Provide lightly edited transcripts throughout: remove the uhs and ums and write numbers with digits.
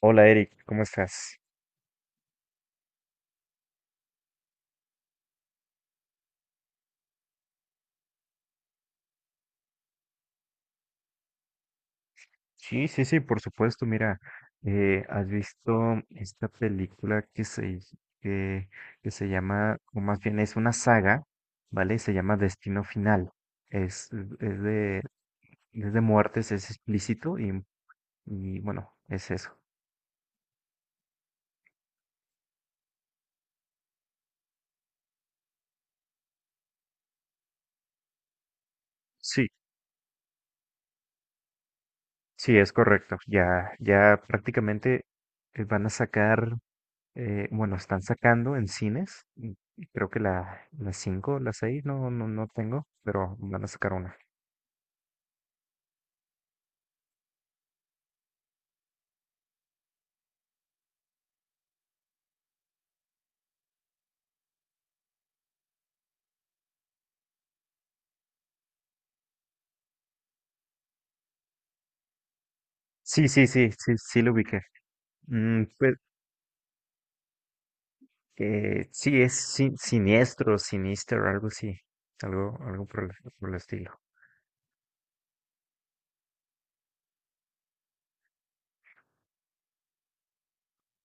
Hola Eric, ¿cómo estás? Sí, sí, sí, por supuesto. Mira, ¿has visto esta película que, que se llama, o más bien es una saga, ¿vale? Se llama Destino Final. Es, es de, es de muertes, es explícito y bueno, es eso. Sí, sí, es correcto. Ya prácticamente van a sacar. Bueno, están sacando en cines. Creo que la 5, la 6. No, no, no tengo, pero van a sacar una. Sí, sí, sí, sí, sí lo ubiqué. Mm, pues, sí, es siniestro, sinister, algo así. Algo por por el estilo.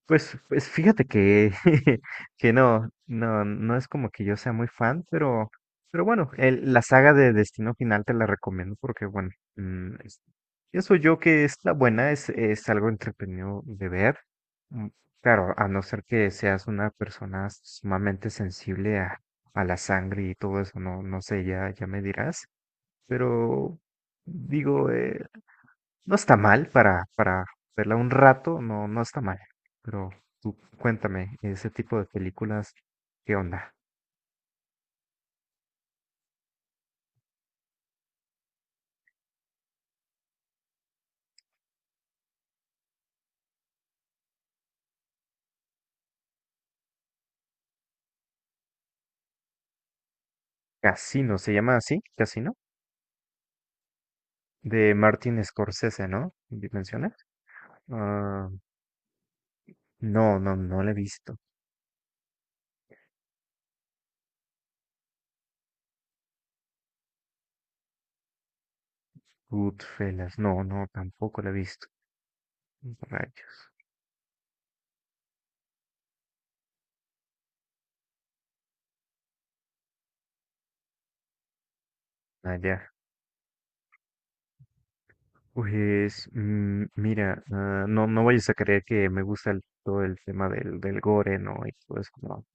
Pues fíjate que, que no, no es como que yo sea muy fan, pero bueno, la saga de Destino Final te la recomiendo porque, bueno, mm, es- pienso yo que es la buena, es algo entretenido de ver. Mm, claro, a no ser que seas una persona sumamente sensible a la sangre y todo eso, no, no sé, ya me dirás, pero digo, no está mal para verla un rato, no, no está mal. Pero tú cuéntame, ese tipo de películas, ¿qué onda? Casino, ¿se llama así? Casino, de Martin Scorsese, ¿no? ¿Me Mencionas? Ah, no, no, no la he visto. Goodfellas, no, no, tampoco la he visto. Rayos, allá. Mira, ah, no, no vayas a creer que me gusta todo el tema del gore, ¿no? Y todo eso, no.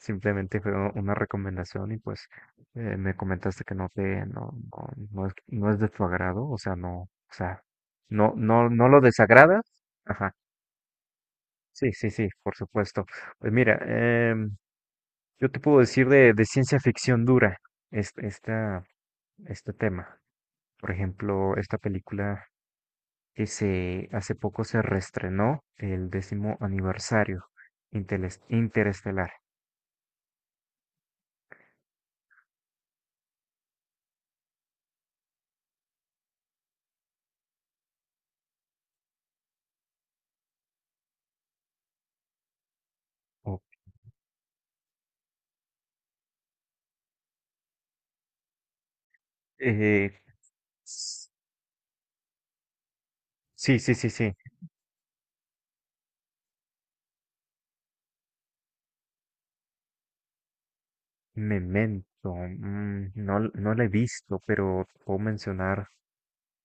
Simplemente fue una recomendación y pues me comentaste que no te, no, no, no es, no es de tu agrado, o sea, no, no, no lo desagradas. Ajá, sí, sí, sí, por supuesto. Pues mira, em, yo te puedo decir de ciencia ficción dura este, esta, este tema. Por ejemplo, esta película hace poco se reestrenó el décimo aniversario, Interestelar. o- eh, s- sí. Memento, mm, no, no la he visto, pero puedo mencionar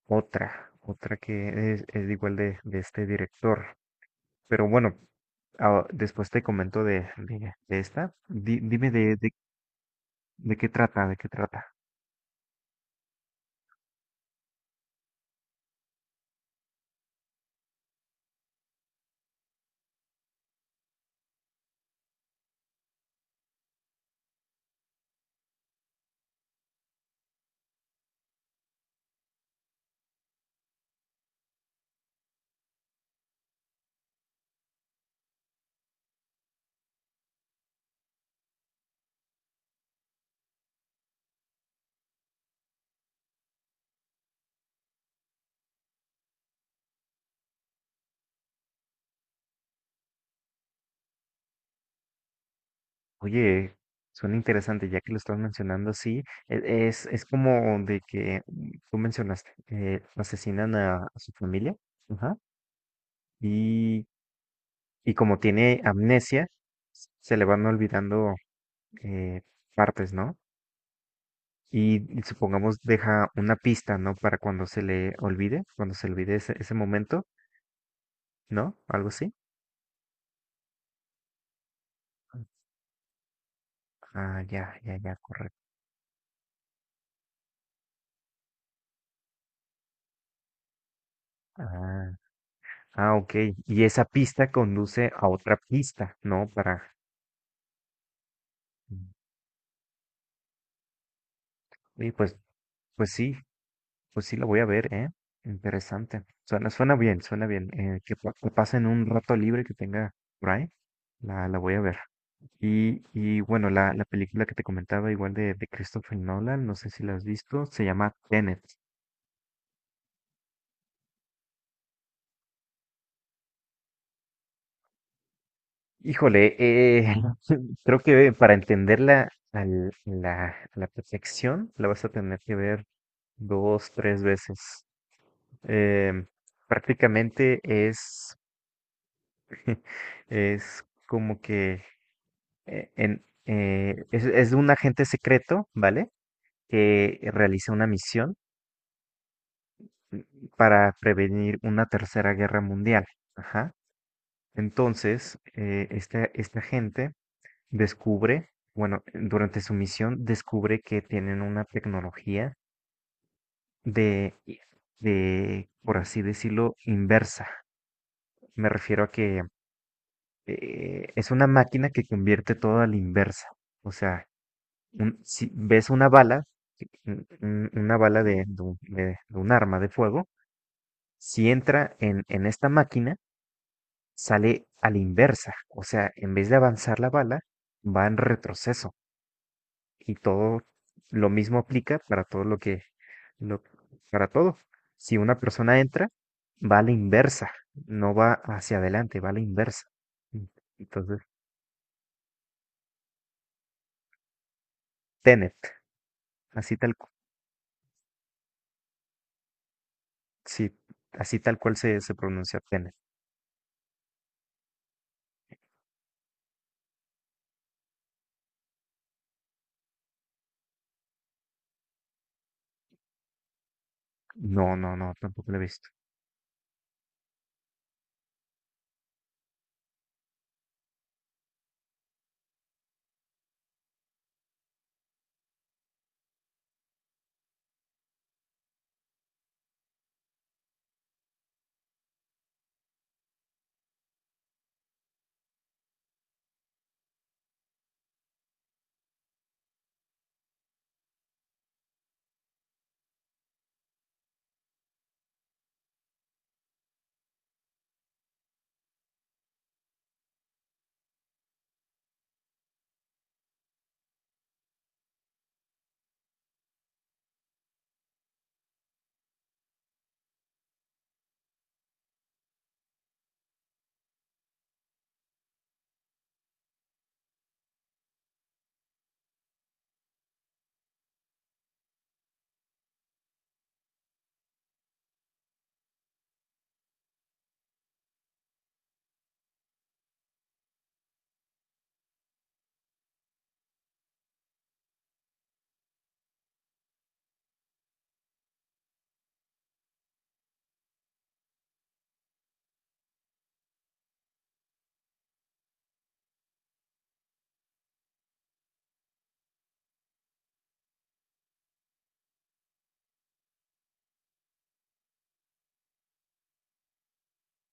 otra que es igual de este director. Pero bueno, ah, después te comento de esta. Dime de qué trata, de qué trata. Oye, suena interesante, ya que lo estás mencionando así, es como de que tú mencionaste, asesinan a su familia, ajá. Y como tiene amnesia, se le van olvidando eh, partes, ¿no? Y supongamos deja una pista, ¿no? Para cuando se le olvide, cuando se olvide ese momento, ¿no? Algo así. Ah, ya, ya, ya, correcto. Ah, ah, ok. Y esa pista conduce a otra pista, ¿no? Para... mm, y pues, pues sí, pues sí, la voy a ver, ¿eh? Interesante. Suena bien, suena bien. Que pasen un rato libre que tenga por ahí, la voy a ver. Y bueno, la película que te comentaba, igual de Christopher Nolan, no sé si la has visto, se llama Tenet. Híjole, creo que para entenderla a la perfección, la vas a tener que ver dos, tres veces. Em, Prácticamente es como que es de un agente secreto, ¿vale? Que realiza una misión mm, para prevenir una tercera guerra mundial. Ajá. Entonces, este agente descubre, bueno, durante su misión descubre que tienen una tecnología de, de, por así decirlo, inversa. Me refiero a que es una máquina que convierte todo a la inversa. O sea, si ves una bala, si, un- una bala de un arma de fuego, si entra en esta máquina, sale a la inversa. O sea, en vez de avanzar la bala, va en retroceso. Y todo lo mismo aplica para todo lo- para todo. Si una persona entra, va a la inversa, no va hacia adelante, va a la inversa. Entonces, Tenet, así tal, cu- sí, así tal cual se, se pronuncia Tenet. No, no, no, tampoco la he visto.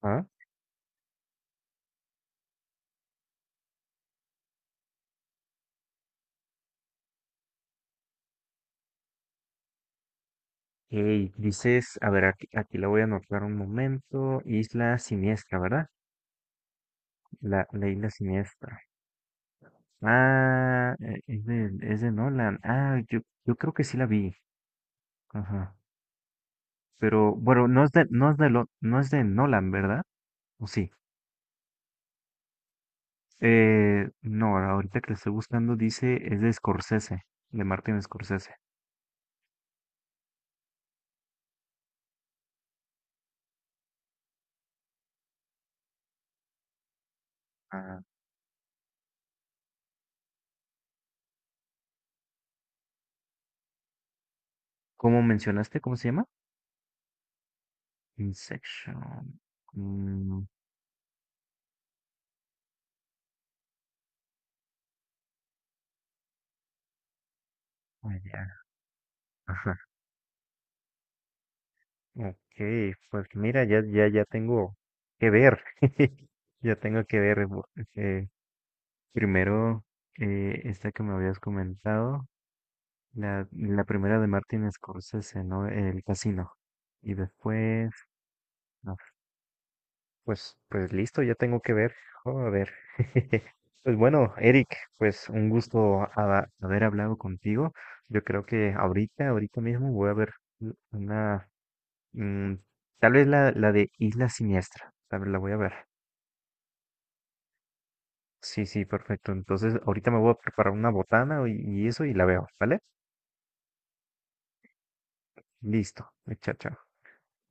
Ah, ok, dices, a ver, aquí, aquí la voy a anotar un momento. Isla Siniestra, ¿verdad? La Isla Siniestra. Ah, es de Nolan. Ah, yo creo que sí la vi. Ajá. Pero bueno, no es de, no es no es de Nolan, ¿verdad? ¿O sí? No, ahorita que la estoy buscando dice, es de Scorsese, de Martin Scorsese. Ah, ¿cómo mencionaste? ¿Cómo se llama? Inception. Mm, ah, ya. Ok, pues mira, ya tengo que ver. Ya tengo que ver. Eh, Primero, esta que me habías comentado, la primera de Martin Scorsese, ¿no? El casino. Y después, no, pues, pues listo, ya tengo que ver. Joder. Pues bueno, Eric, pues un gusto haber hablado contigo. Yo creo que ahorita mismo voy a ver una. Mm, tal vez la de Isla Siniestra. A ver, la voy a ver. Sí, sí, perfecto. Entonces, ahorita me voy a preparar una botana y eso y la veo, ¿vale? Listo, chao, chao.